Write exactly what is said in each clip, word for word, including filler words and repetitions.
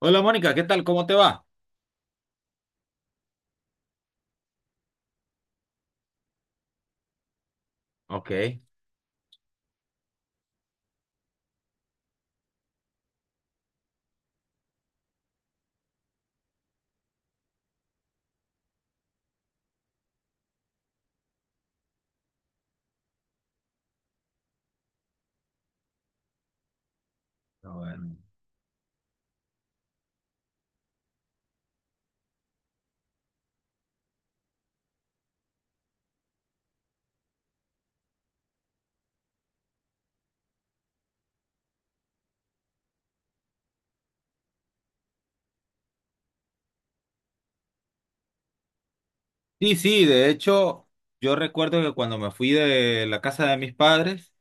Hola Mónica, ¿qué tal? ¿Cómo te va? Ok. Ah, bueno. Sí, sí, de hecho, yo recuerdo que cuando me fui de la casa de mis padres,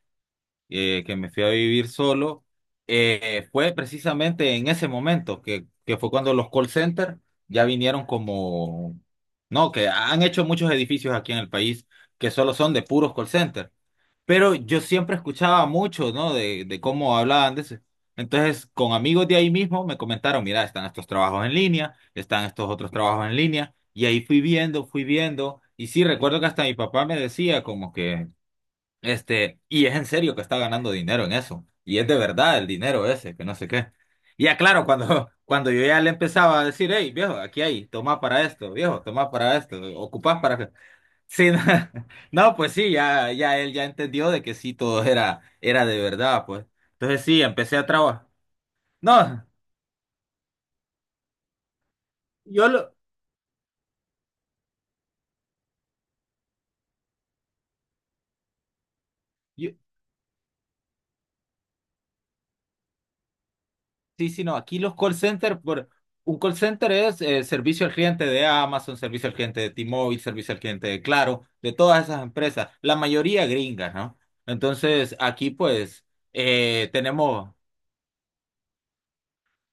eh, que me fui a vivir solo. Eh, fue precisamente en ese momento, que, que fue cuando los call centers ya vinieron como, no, que han hecho muchos edificios aquí en el país que solo son de puros call centers. Pero yo siempre escuchaba mucho, ¿no? De, de cómo hablaban de eso. Entonces, con amigos de ahí mismo me comentaron, mira, están estos trabajos en línea, están estos otros trabajos en línea, y ahí fui viendo, fui viendo, y sí, recuerdo que hasta mi papá me decía como que, este, y es en serio que está ganando dinero en eso. Y es de verdad el dinero ese, que no sé qué. Y ya claro, cuando, cuando yo ya le empezaba a decir, hey, viejo, aquí hay, toma para esto, viejo, toma para esto, ocupás para que-". Sí, no, no, pues sí, ya, ya él ya entendió de que sí, todo era, era de verdad, pues. Entonces sí, empecé a trabajar. No, yo lo... yo- sí, sí, no, aquí los call centers, por, un call center es eh, servicio al cliente de Amazon, servicio al cliente de T-Mobile, servicio al cliente de Claro, de todas esas empresas, la mayoría gringas, ¿no? Entonces, aquí pues eh, tenemos.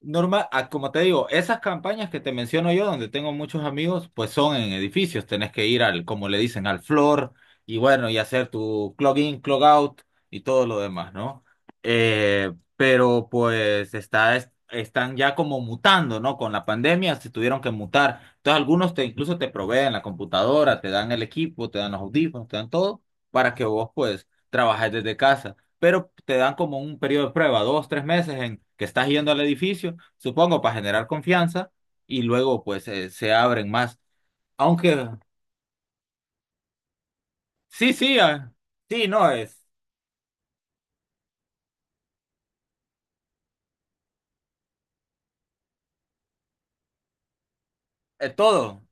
Normal, ah, como te digo, esas campañas que te menciono yo, donde tengo muchos amigos, pues son en edificios. Tenés que ir al, como le dicen, al floor y bueno, y hacer tu clog in, clog out y todo lo demás, ¿no? Eh, pero pues está, es- están ya como mutando, ¿no? Con la pandemia se tuvieron que mutar. Entonces algunos te incluso te proveen la computadora, te dan el equipo, te dan los audífonos, te dan todo para que vos pues trabajes desde casa, pero te dan como un periodo de prueba, dos, tres meses en que estás yendo al edificio, supongo, para generar confianza y luego pues eh, se abren más. Aunque sí, sí, ah, sí, no, es, eh, todo,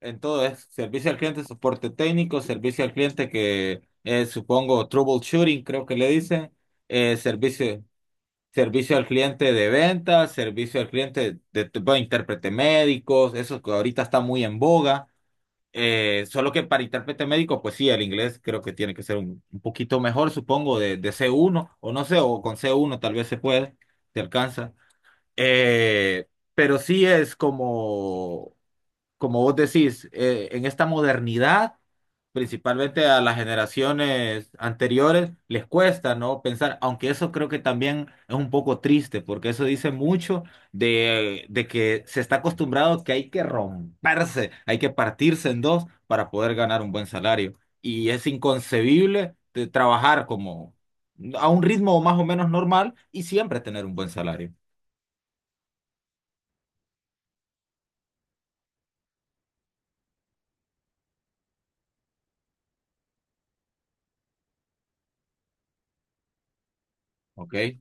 en todo es servicio al cliente, soporte técnico, servicio al cliente que eh, supongo troubleshooting, creo que le dicen, eh, servicio, servicio al cliente de ventas, servicio al cliente de, de- bueno, intérprete médicos, eso que ahorita está muy en boga. Eh, solo que para intérprete médico, pues sí, el inglés creo que tiene que ser un, un poquito mejor, supongo, de, de c uno o no sé, o con c uno tal vez se puede, se alcanza. Eh, pero sí es como, como, vos decís, eh, en esta modernidad, principalmente a las generaciones anteriores, les cuesta, ¿no? Pensar, aunque eso creo que también es un poco triste, porque eso dice mucho de, de que se está acostumbrado que hay que romperse, hay que partirse en dos para poder ganar un buen salario. Y es inconcebible de trabajar como a un ritmo más o menos normal y siempre tener un buen salario, ¿ok?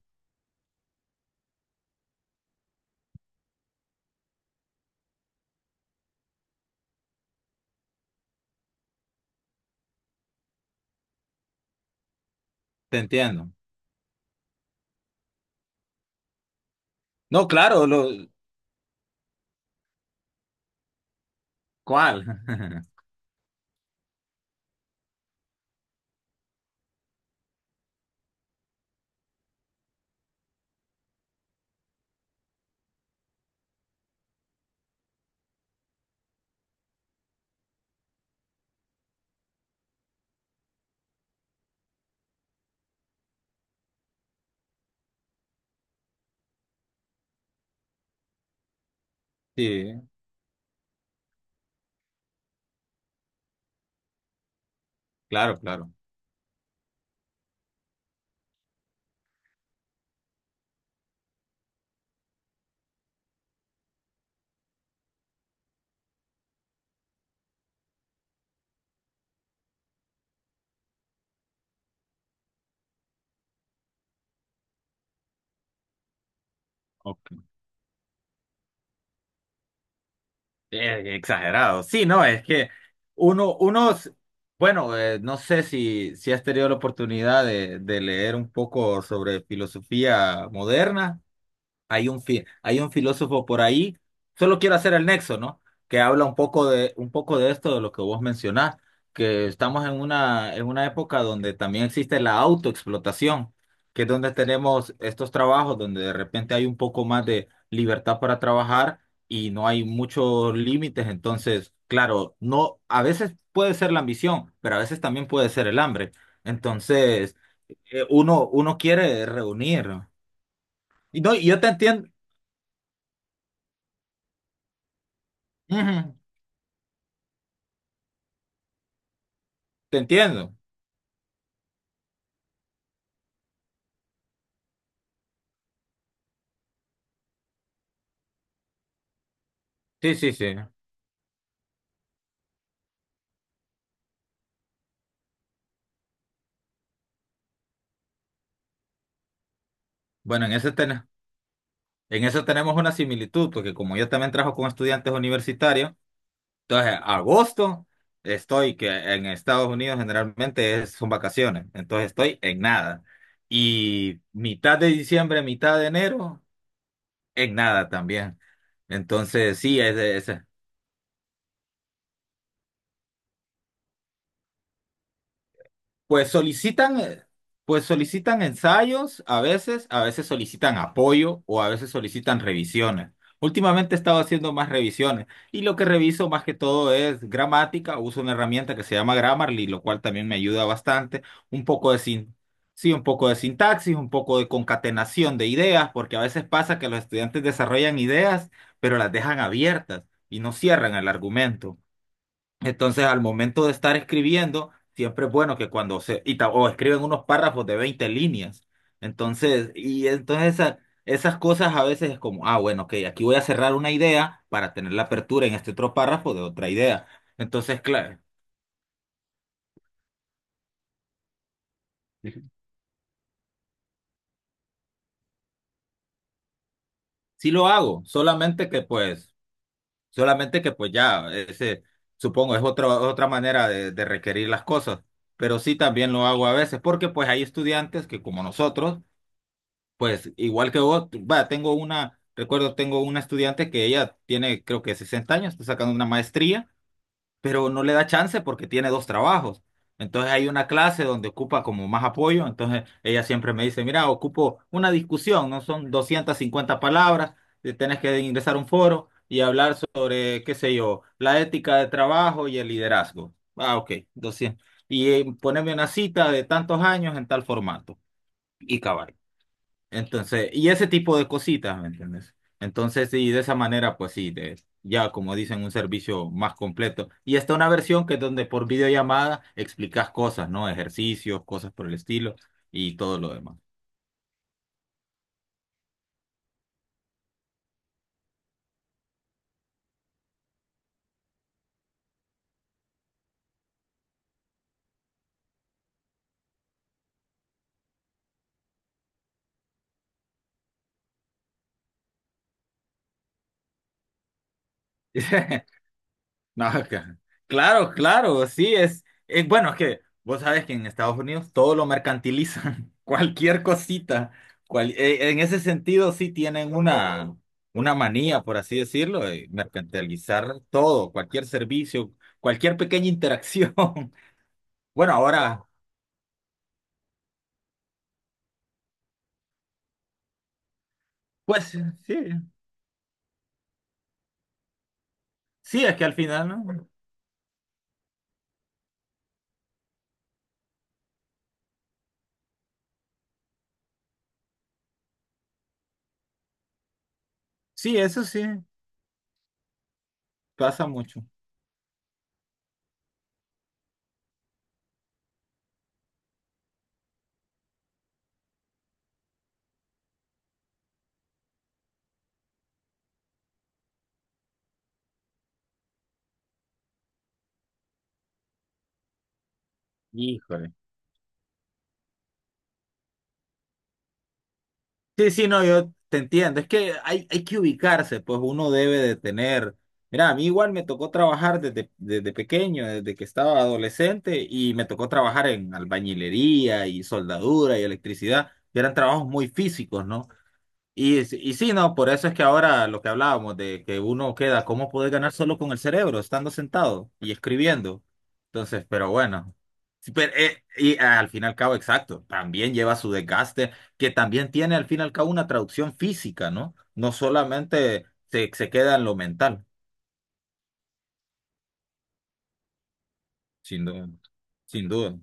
Te entiendo. No, claro, lo, ¿cuál? Sí, claro, claro. Ok. Eh, exagerado. Sí, no, es que uno, unos, bueno, eh, no sé si, si has tenido la oportunidad de, de leer un poco sobre filosofía moderna. Hay un, fi- hay un filósofo por ahí, solo quiero hacer el nexo, ¿no? Que habla un poco de, un poco de esto, de lo que vos mencionás, que estamos en una, en una época donde también existe la autoexplotación, que es donde tenemos estos trabajos donde de repente hay un poco más de libertad para trabajar y no hay muchos límites, entonces, claro, no, a veces puede ser la ambición, pero a veces también puede ser el hambre. Entonces, eh, uno, uno quiere reunir. ¿No? Y no, y yo te entiendo. Te entiendo. Sí, sí, sí. Bueno, en ese ten- en eso tenemos una similitud, porque como yo también trabajo con estudiantes universitarios, entonces agosto estoy, que en Estados Unidos generalmente es- son vacaciones, entonces estoy en nada. Y mitad de diciembre, mitad de enero, en nada también. Entonces, sí, es, es- pues solicitan, eh, pues solicitan ensayos a veces, a veces solicitan apoyo o a veces solicitan revisiones. Últimamente he estado haciendo más revisiones y lo que reviso más que todo es gramática. Uso una herramienta que se llama Grammarly, lo cual también me ayuda bastante. Un poco de sin, sí, un poco de sintaxis, un poco de concatenación de ideas, porque a veces pasa que los estudiantes desarrollan ideas, pero las dejan abiertas y no cierran el argumento. Entonces, al momento de estar escribiendo, siempre es bueno que cuando se, y ta- o escriben unos párrafos de veinte líneas. Entonces, y entonces esa- esas cosas a veces es como, ah, bueno, ok, aquí voy a cerrar una idea para tener la apertura en este otro párrafo de otra idea. Entonces, claro, sí lo hago, solamente que pues, solamente que pues ya, ese, supongo, es otra, otra manera de, de requerir las cosas. Pero sí también lo hago a veces, porque pues hay estudiantes que como nosotros, pues igual que vos, va, tengo una, recuerdo, tengo una estudiante que ella tiene creo que sesenta años, está sacando una maestría, pero no le da chance porque tiene dos trabajos. Entonces hay una clase donde ocupa como más apoyo, entonces ella siempre me dice, mira, ocupo una discusión, no son doscientas cincuenta palabras, eh, tenés que ingresar a un foro y hablar sobre, qué sé yo, la ética de trabajo y el liderazgo. Ah, ok, doscientos. Y eh, ponerme una cita de tantos años en tal formato. Y cabal. Entonces, y ese tipo de cositas, ¿me entiendes? Entonces, sí, de esa manera, pues sí, de- ya como dicen, un servicio más completo. Y está una versión que es donde por videollamada explicas cosas, ¿no? Ejercicios, cosas por el estilo y todo lo demás. No, ca- claro, claro, sí, es, es- bueno, es que vos sabes que en Estados Unidos todo lo mercantilizan, cualquier cosita, cual- eh, en ese sentido sí tienen una, una manía, por así decirlo, de mercantilizar todo, cualquier servicio, cualquier pequeña interacción. Bueno, ahora, pues sí, sí, es que al final, ¿no? Sí, eso sí, pasa mucho. Híjole. Sí, sí, no, yo te entiendo. Es que hay, hay que ubicarse, pues uno debe de tener. Mira, a mí igual me tocó trabajar desde, desde pequeño, desde que estaba adolescente, y me tocó trabajar en albañilería y soldadura y electricidad, que eran trabajos muy físicos, ¿no? Y, s- y sí, no, por eso es que ahora lo que hablábamos de que uno queda, ¿cómo puede ganar solo con el cerebro, estando sentado y escribiendo? Entonces, pero bueno. Sí, pero, eh, y al fin y al cabo, exacto, también lleva su desgaste, que también tiene al fin y al cabo una traducción física, ¿no? No solamente se, se queda en lo mental, sin duda, sin duda.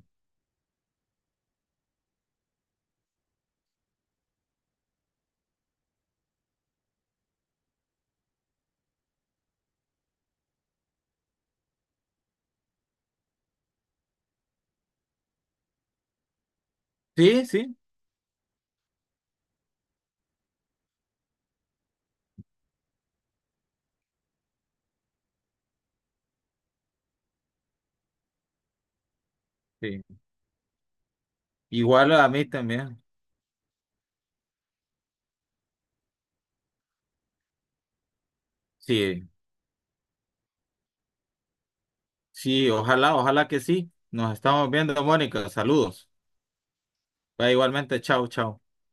Sí, sí, sí. Igual a mí también. Sí, sí, ojalá, ojalá que sí. Nos estamos viendo, Mónica. Saludos. Va igualmente, chao, chao.